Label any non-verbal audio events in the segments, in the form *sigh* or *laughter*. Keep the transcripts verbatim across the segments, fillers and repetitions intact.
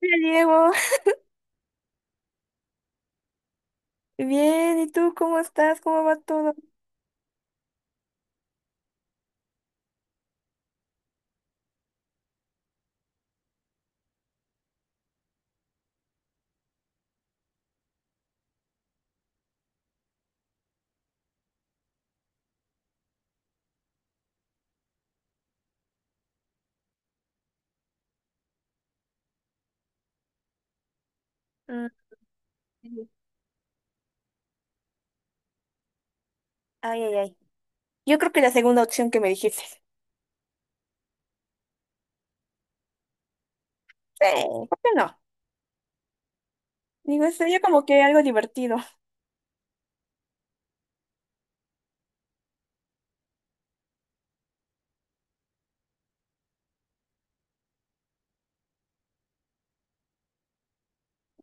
Hola, Diego, bien, ¿y tú cómo estás? ¿Cómo va todo? Mm. Ay, ay, ay. Yo creo que la segunda opción que me dijiste. Sí, ¿por qué no? Digo, sería como que algo divertido.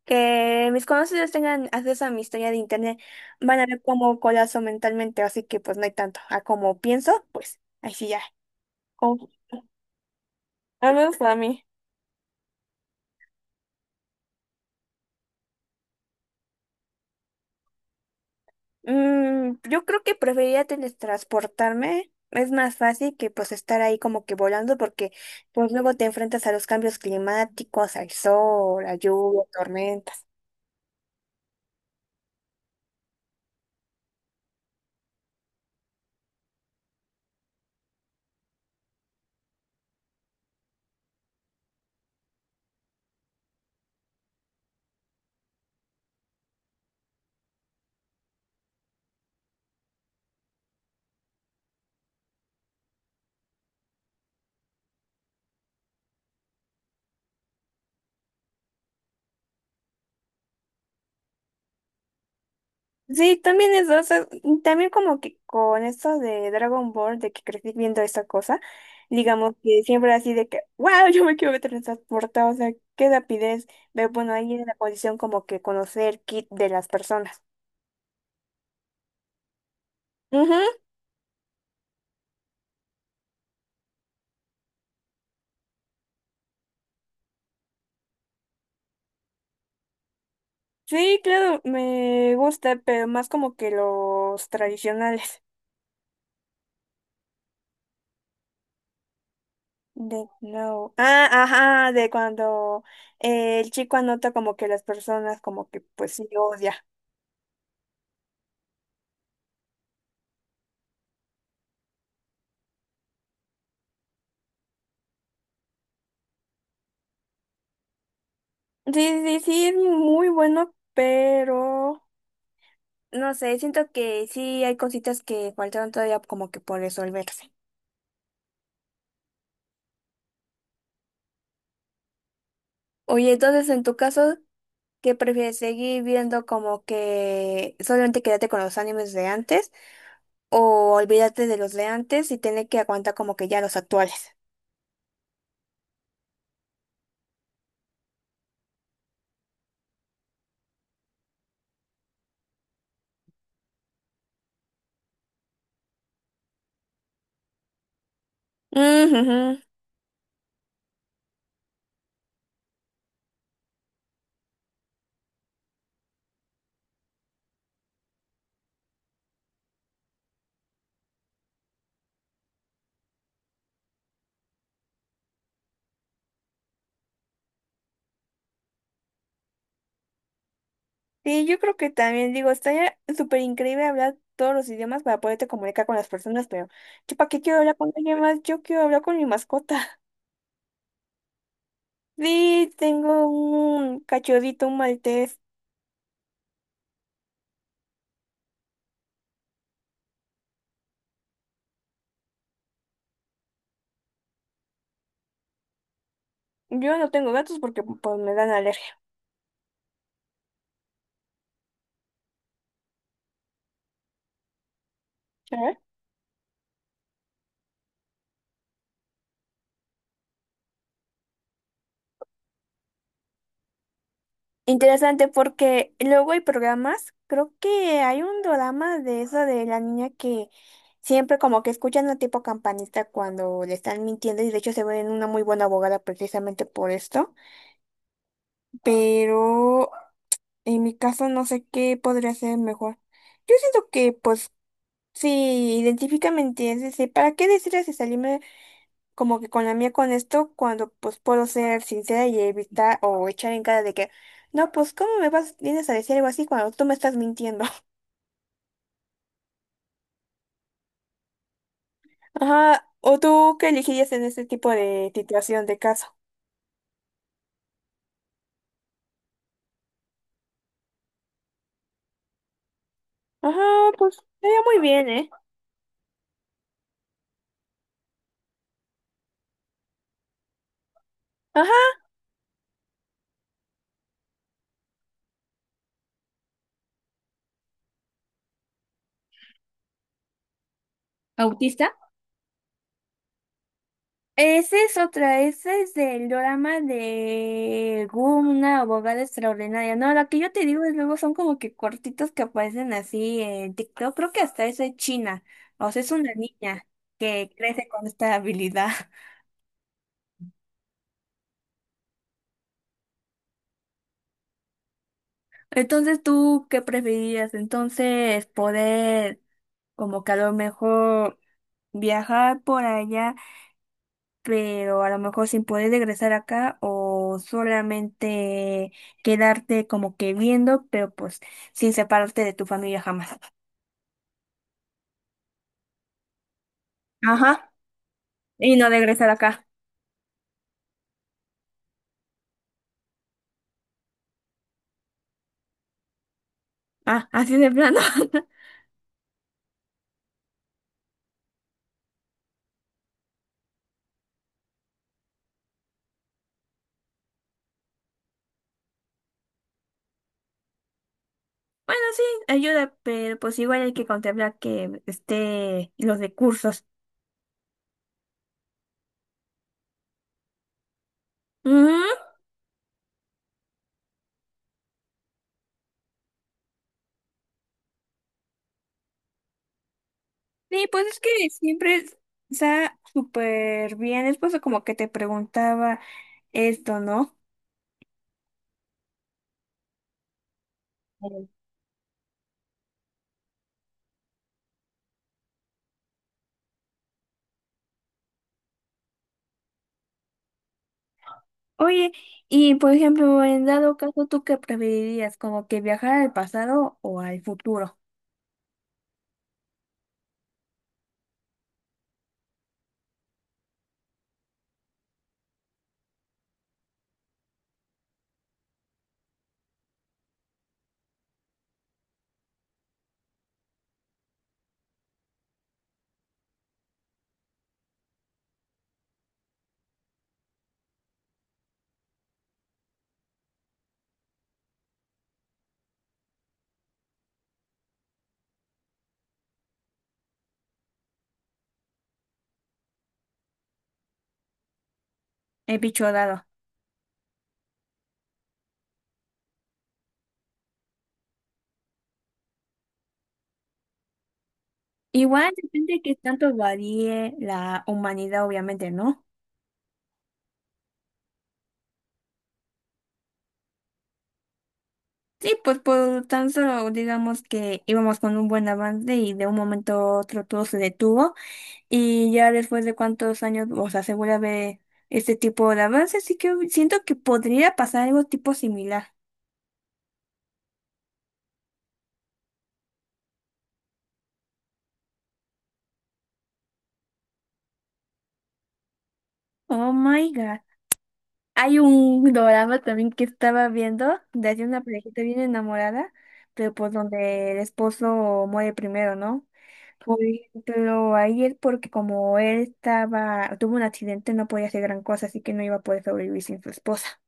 Que mis conocidos tengan acceso a mi historia de internet, van a ver cómo colapso mentalmente, así que pues no hay tanto. A como pienso, pues ahí sí ya. Oh, al menos para mí. Mm, yo creo que preferiría teletransportarme. Es más fácil que pues estar ahí como que volando porque pues luego te enfrentas a los cambios climáticos, al sol, a lluvia, tormentas. Sí, también eso, o sea, y también como que con eso de Dragon Ball, de que crecí viendo esa cosa, digamos que siempre así de que, wow, *laughs* yo me quiero teletransportar, o sea, qué rapidez. Pero bueno, ahí en la posición como que conocer kit de las personas. Sí, claro, me gusta, pero más como que los tradicionales. *laughs* De no. Ah, ajá, de cuando eh, el chico anota como que las personas como que pues sí odia. Sí, sí, sí, es muy bueno, pero no sé, siento que sí hay cositas que faltaron todavía como que por resolverse. Oye, entonces en tu caso, ¿qué prefieres seguir viendo como que solamente quédate con los animes de antes, o olvídate de los de antes y tener que aguantar como que ya los actuales? Ujujú. Sí, yo creo que también digo, estaría súper increíble hablar todos los idiomas para poderte comunicar con las personas, pero yo para qué quiero hablar con alguien más, yo quiero hablar con mi mascota. *laughs* Sí, tengo un cachorrito, un maltés. Yo no tengo gatos porque pues me dan alergia. Interesante porque luego hay programas, creo que hay un drama de eso de la niña que siempre como que escuchan a tipo campanista cuando le están mintiendo y de hecho se ven una muy buena abogada precisamente por esto, pero en mi caso no sé qué podría ser mejor. Yo siento que pues si identifica mentiras, ¿para qué decirles si salí como que con la mía con esto, cuando pues puedo ser sincera y evitar o echar en cara de que, no, pues ¿cómo me vas, vienes a decir algo así cuando tú me estás mintiendo? *laughs* Ajá, ¿o tú qué elegirías en este tipo de situación de caso? Ajá, pues sería muy bien, ¿eh? Ajá. ¿Autista? Esa es otra, ese es del drama de Goom, una abogada extraordinaria. No, la que yo te digo es luego son como que cortitos que aparecen así en TikTok. Creo que hasta es de China. O sea, es una niña que crece con esta habilidad. *laughs* Entonces, ¿tú qué preferirías? Entonces, poder como que a lo mejor viajar por allá, pero a lo mejor sin poder regresar acá, o solamente quedarte como que viendo, pero pues sin separarte de tu familia jamás. Ajá, y no regresar acá. Ah, así de plano. *laughs* Bueno, sí, ayuda, pero pues igual hay que contemplar que esté los recursos. Ujú. Sí, pues es que siempre está súper bien. Es por eso como que te preguntaba esto, ¿no? Oye, y por ejemplo, en dado caso, ¿tú qué preferirías? ¿Como que viajar al pasado o al futuro? El bicho dado. Igual depende de qué tanto varíe la humanidad, obviamente, ¿no? Sí, pues por tan solo digamos que íbamos con un buen avance y de un momento a otro todo se detuvo y ya después de cuántos años o sea, se vuelve a ver este tipo de avance, sí que siento que podría pasar algo tipo similar. Oh my God. Hay un drama también que estaba viendo de hace una parejita bien enamorada, pero pues donde el esposo muere primero, ¿no? Por ejemplo, ahí es porque como él estaba, tuvo un accidente, no podía hacer gran cosa, así que no iba a poder sobrevivir sin su esposa.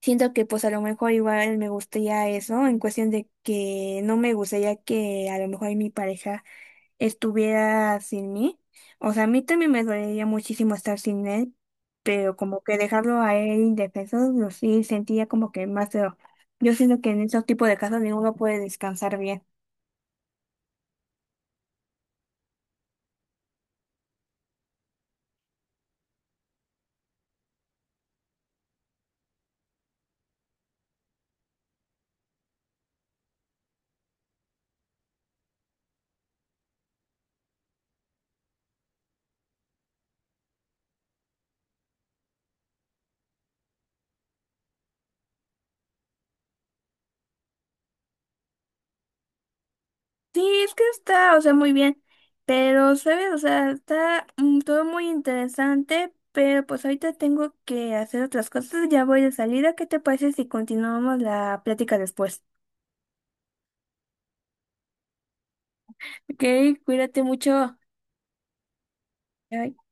Siento que pues a lo mejor igual me gustaría eso, en cuestión de que no me gustaría que a lo mejor mi pareja estuviera sin mí. O sea, a mí también me dolería muchísimo estar sin él, pero como que dejarlo a él indefenso, lo sí sentía como que más feo. Yo siento que en esos tipos de casos ninguno puede descansar bien. Sí, es que está, o sea, muy bien. Pero, ¿sabes? O sea, está mm, todo muy interesante, pero pues ahorita tengo que hacer otras cosas. Ya voy de salida. ¿Qué te parece si continuamos la plática después? Ok, cuídate mucho. Bye.